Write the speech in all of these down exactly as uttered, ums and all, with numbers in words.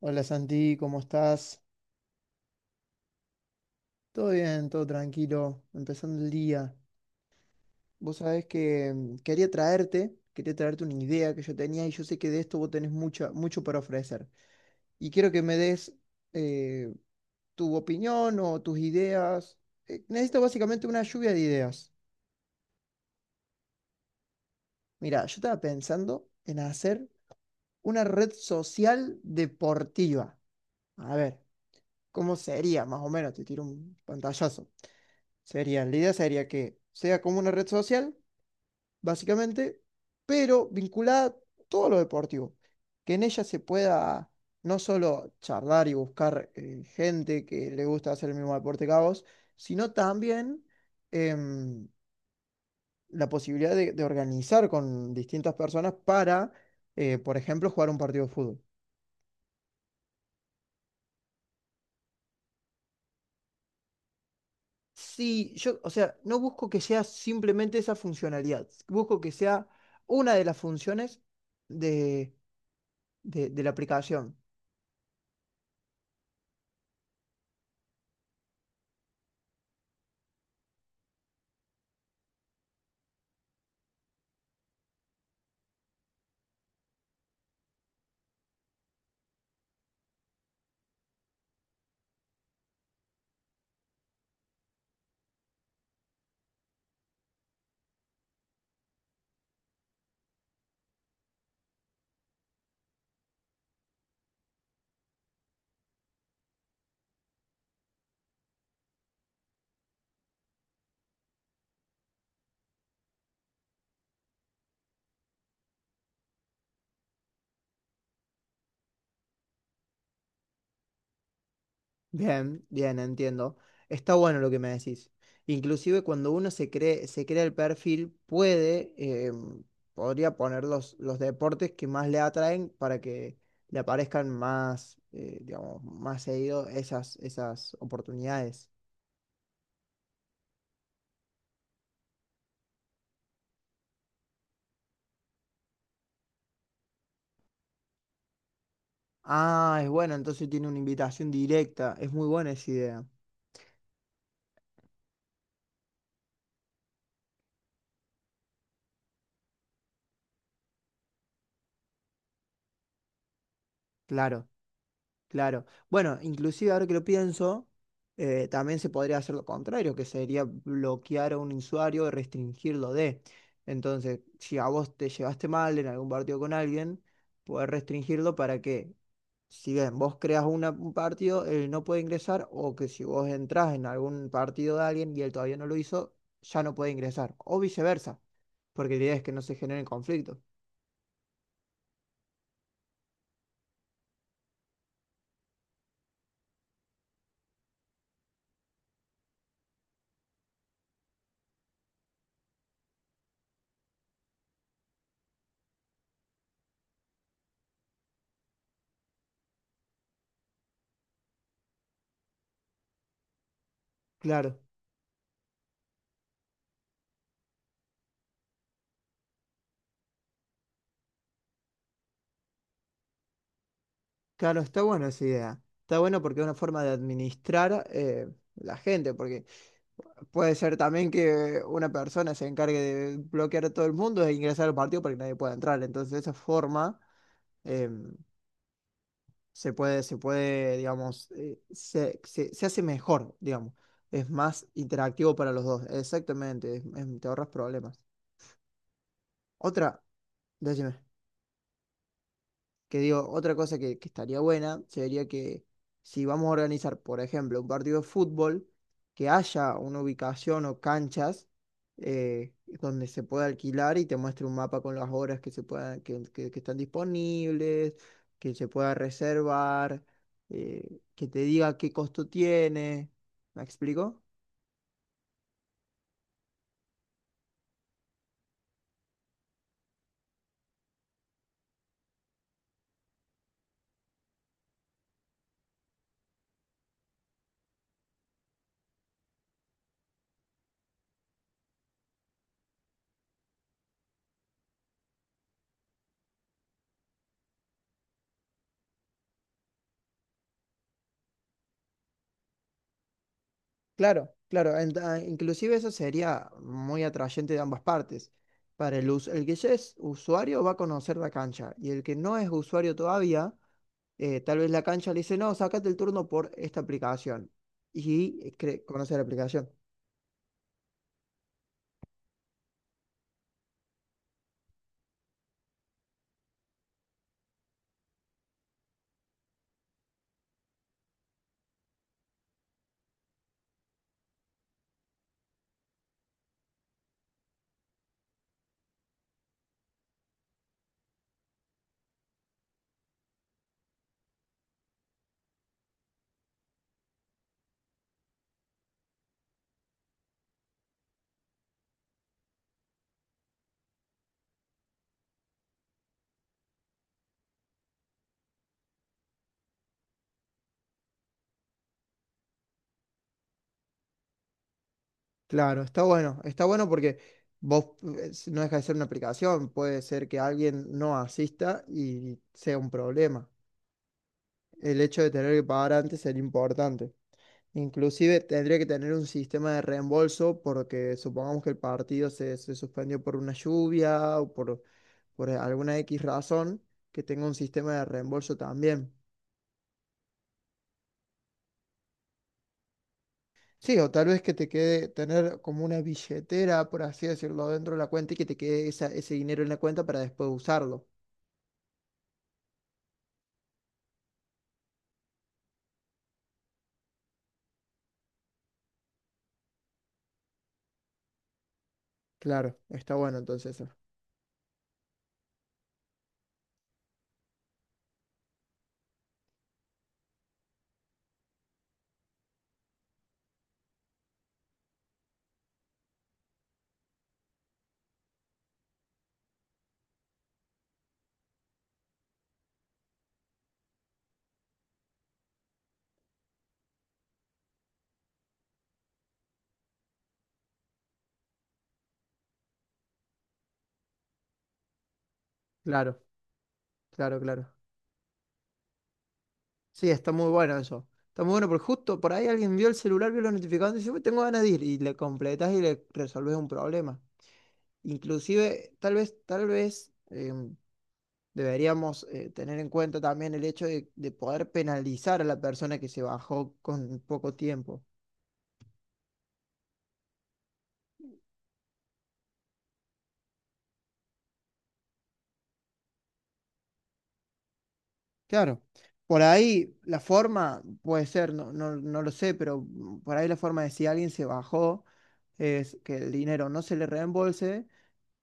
Hola Santi, ¿cómo estás? Todo bien, todo tranquilo, empezando el día. Vos sabés que mm, quería traerte, quería traerte una idea que yo tenía y yo sé que de esto vos tenés mucha, mucho para ofrecer. Y quiero que me des eh, tu opinión o tus ideas. Eh, necesito básicamente una lluvia de ideas. Mira, yo estaba pensando en hacer una red social deportiva. A ver, ¿cómo sería? Más o menos, te tiro un pantallazo. Sería, la idea sería que sea como una red social, básicamente, pero vinculada a todo lo deportivo. Que en ella se pueda no solo charlar y buscar eh, gente que le gusta hacer el mismo deporte que a vos, sino también em, la posibilidad de, de organizar con distintas personas para, eh, por ejemplo, jugar un partido de fútbol. Sí, yo, o sea, no busco que sea simplemente esa funcionalidad, busco que sea una de las funciones de de, de la aplicación. Bien, bien, entiendo. Está bueno lo que me decís. Inclusive cuando uno se cree, se crea el perfil, puede, eh, podría poner los, los deportes que más le atraen para que le aparezcan más, eh, digamos, más seguido esas, esas oportunidades. Ah, es bueno, entonces tiene una invitación directa. Es muy buena esa idea. Claro. Claro. Bueno, inclusive ahora que lo pienso, eh, también se podría hacer lo contrario, que sería bloquear a un usuario y restringirlo de. Entonces, si a vos te llevaste mal en algún partido con alguien, podés restringirlo para que, si bien vos creas una- un partido, él no puede ingresar, o que si vos entrás en algún partido de alguien y él todavía no lo hizo, ya no puede ingresar, o viceversa, porque la idea es que no se generen conflictos. Claro. Claro, está buena esa idea. Está bueno porque es una forma de administrar eh, la gente, porque puede ser también que una persona se encargue de bloquear a todo el mundo e ingresar al partido para que nadie pueda entrar. Entonces, de esa forma eh, se puede, se puede, digamos, eh, se, se- se hace mejor, digamos. Es más interactivo para los dos. Exactamente, es- es- te ahorras problemas. Otra, decime. Que digo, otra cosa que, que estaría buena sería que si vamos a organizar, por ejemplo, un partido de fútbol, que haya una ubicación o canchas eh, donde se pueda alquilar y te muestre un mapa con las horas que se puedan, que, que- que están disponibles, que se pueda reservar, eh, que te diga qué costo tiene. ¿Me explico? Claro, claro. en- ah, Inclusive eso sería muy atrayente de ambas partes. Para el, us- el que ya es usuario va a conocer la cancha y el que no es usuario todavía, eh, tal vez la cancha le dice, no, sácate el turno por esta aplicación y eh, cre- conoce la aplicación. Claro, está bueno, está bueno porque vos eh, no deja de ser una aplicación, puede ser que alguien no asista y sea un problema. El hecho de tener que pagar antes sería importante. Inclusive tendría que tener un sistema de reembolso porque supongamos que el partido se, se suspendió por una lluvia o por, por alguna X razón, que tenga un sistema de reembolso también. Sí, o tal vez que te quede tener como una billetera, por así decirlo, dentro de la cuenta y que te quede esa- ese dinero en la cuenta para después usarlo. Claro, está bueno entonces eso. Claro, claro, claro. Sí, está muy bueno eso. Está muy bueno porque justo por ahí alguien vio el celular, vio los notificados y dice, "Uy, tengo ganas de ir". Y le completas y le resolves un problema. Inclusive, tal vez, tal vez em, deberíamos eh, tener en cuenta también el hecho de, de poder penalizar a la persona que se bajó con poco tiempo. Claro. Por ahí la forma puede ser, no, no, no lo sé, pero mm, por ahí la forma de si alguien se bajó es que el dinero no se le reembolse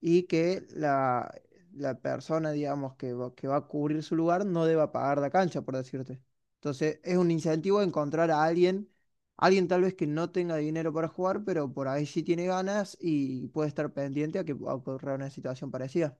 y que la, la persona, digamos, que va, que va a cubrir su lugar no deba pagar la cancha, por decirte. Entonces, es un incentivo encontrar a alguien, alguien tal vez que no tenga dinero para jugar, pero por ahí sí tiene ganas y puede estar pendiente a que ocurra una situación parecida.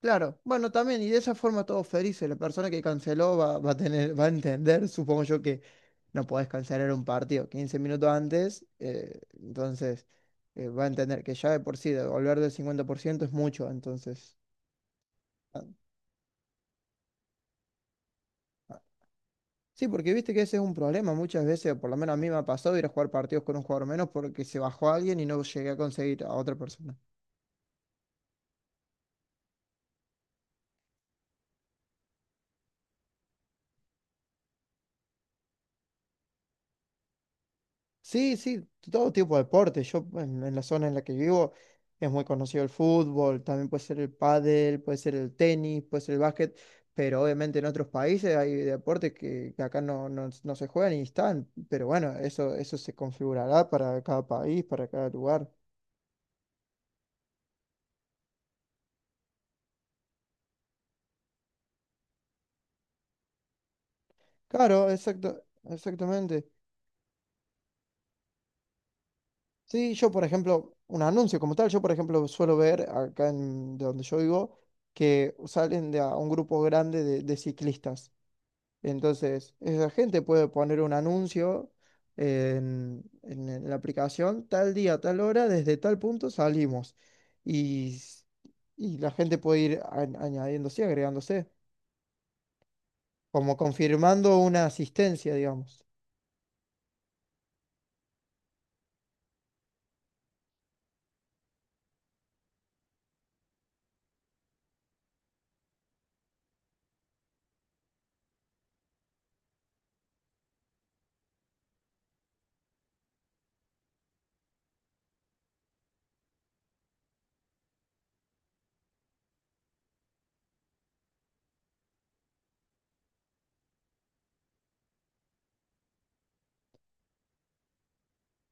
Claro, bueno, también, y de esa forma todos felices. La persona que canceló va, va a tener, va a entender, supongo yo, que no podés cancelar un partido quince minutos antes, eh, entonces eh, va a entender que ya de por sí devolver del cincuenta por ciento es mucho, entonces. Sí, porque viste que ese es un problema muchas veces, por lo menos a mí me ha pasado ir a jugar partidos con un jugador menos porque se bajó alguien y no llegué a conseguir a otra persona. Sí, sí, todo tipo de deporte. Yo en, en la zona en la que vivo es muy conocido el fútbol, también puede ser el pádel, puede ser el tenis, puede ser el básquet, pero obviamente en otros países hay deportes que, que acá no, no, no se juegan y están, pero bueno, eso, eso se configurará para cada país, para cada lugar. Claro, exacto, exactamente. Sí, yo por ejemplo, un anuncio como tal, yo por ejemplo suelo ver acá en, de donde yo vivo que salen de a un grupo grande de de ciclistas. Entonces, esa gente puede poner un anuncio en, en- en la aplicación, tal día, tal hora, desde tal punto salimos. Y, s- y la gente puede ir a- añadiéndose, agregándose, como confirmando una asistencia, digamos.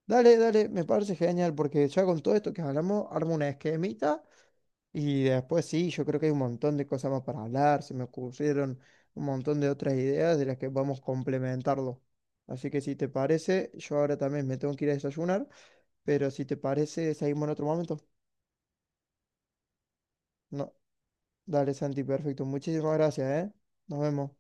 Dale, dale, me parece genial, porque ya con todo esto que hablamos, armo una esquemita. Y después sí, yo creo que hay un montón de cosas más para hablar, se me ocurrieron un montón de otras ideas de las que vamos a complementarlo. Así que si te parece, yo ahora también me tengo que ir a desayunar, pero si te parece, seguimos en otro momento. No, dale Santi, perfecto. Muchísimas gracias, ¿eh? Nos vemos.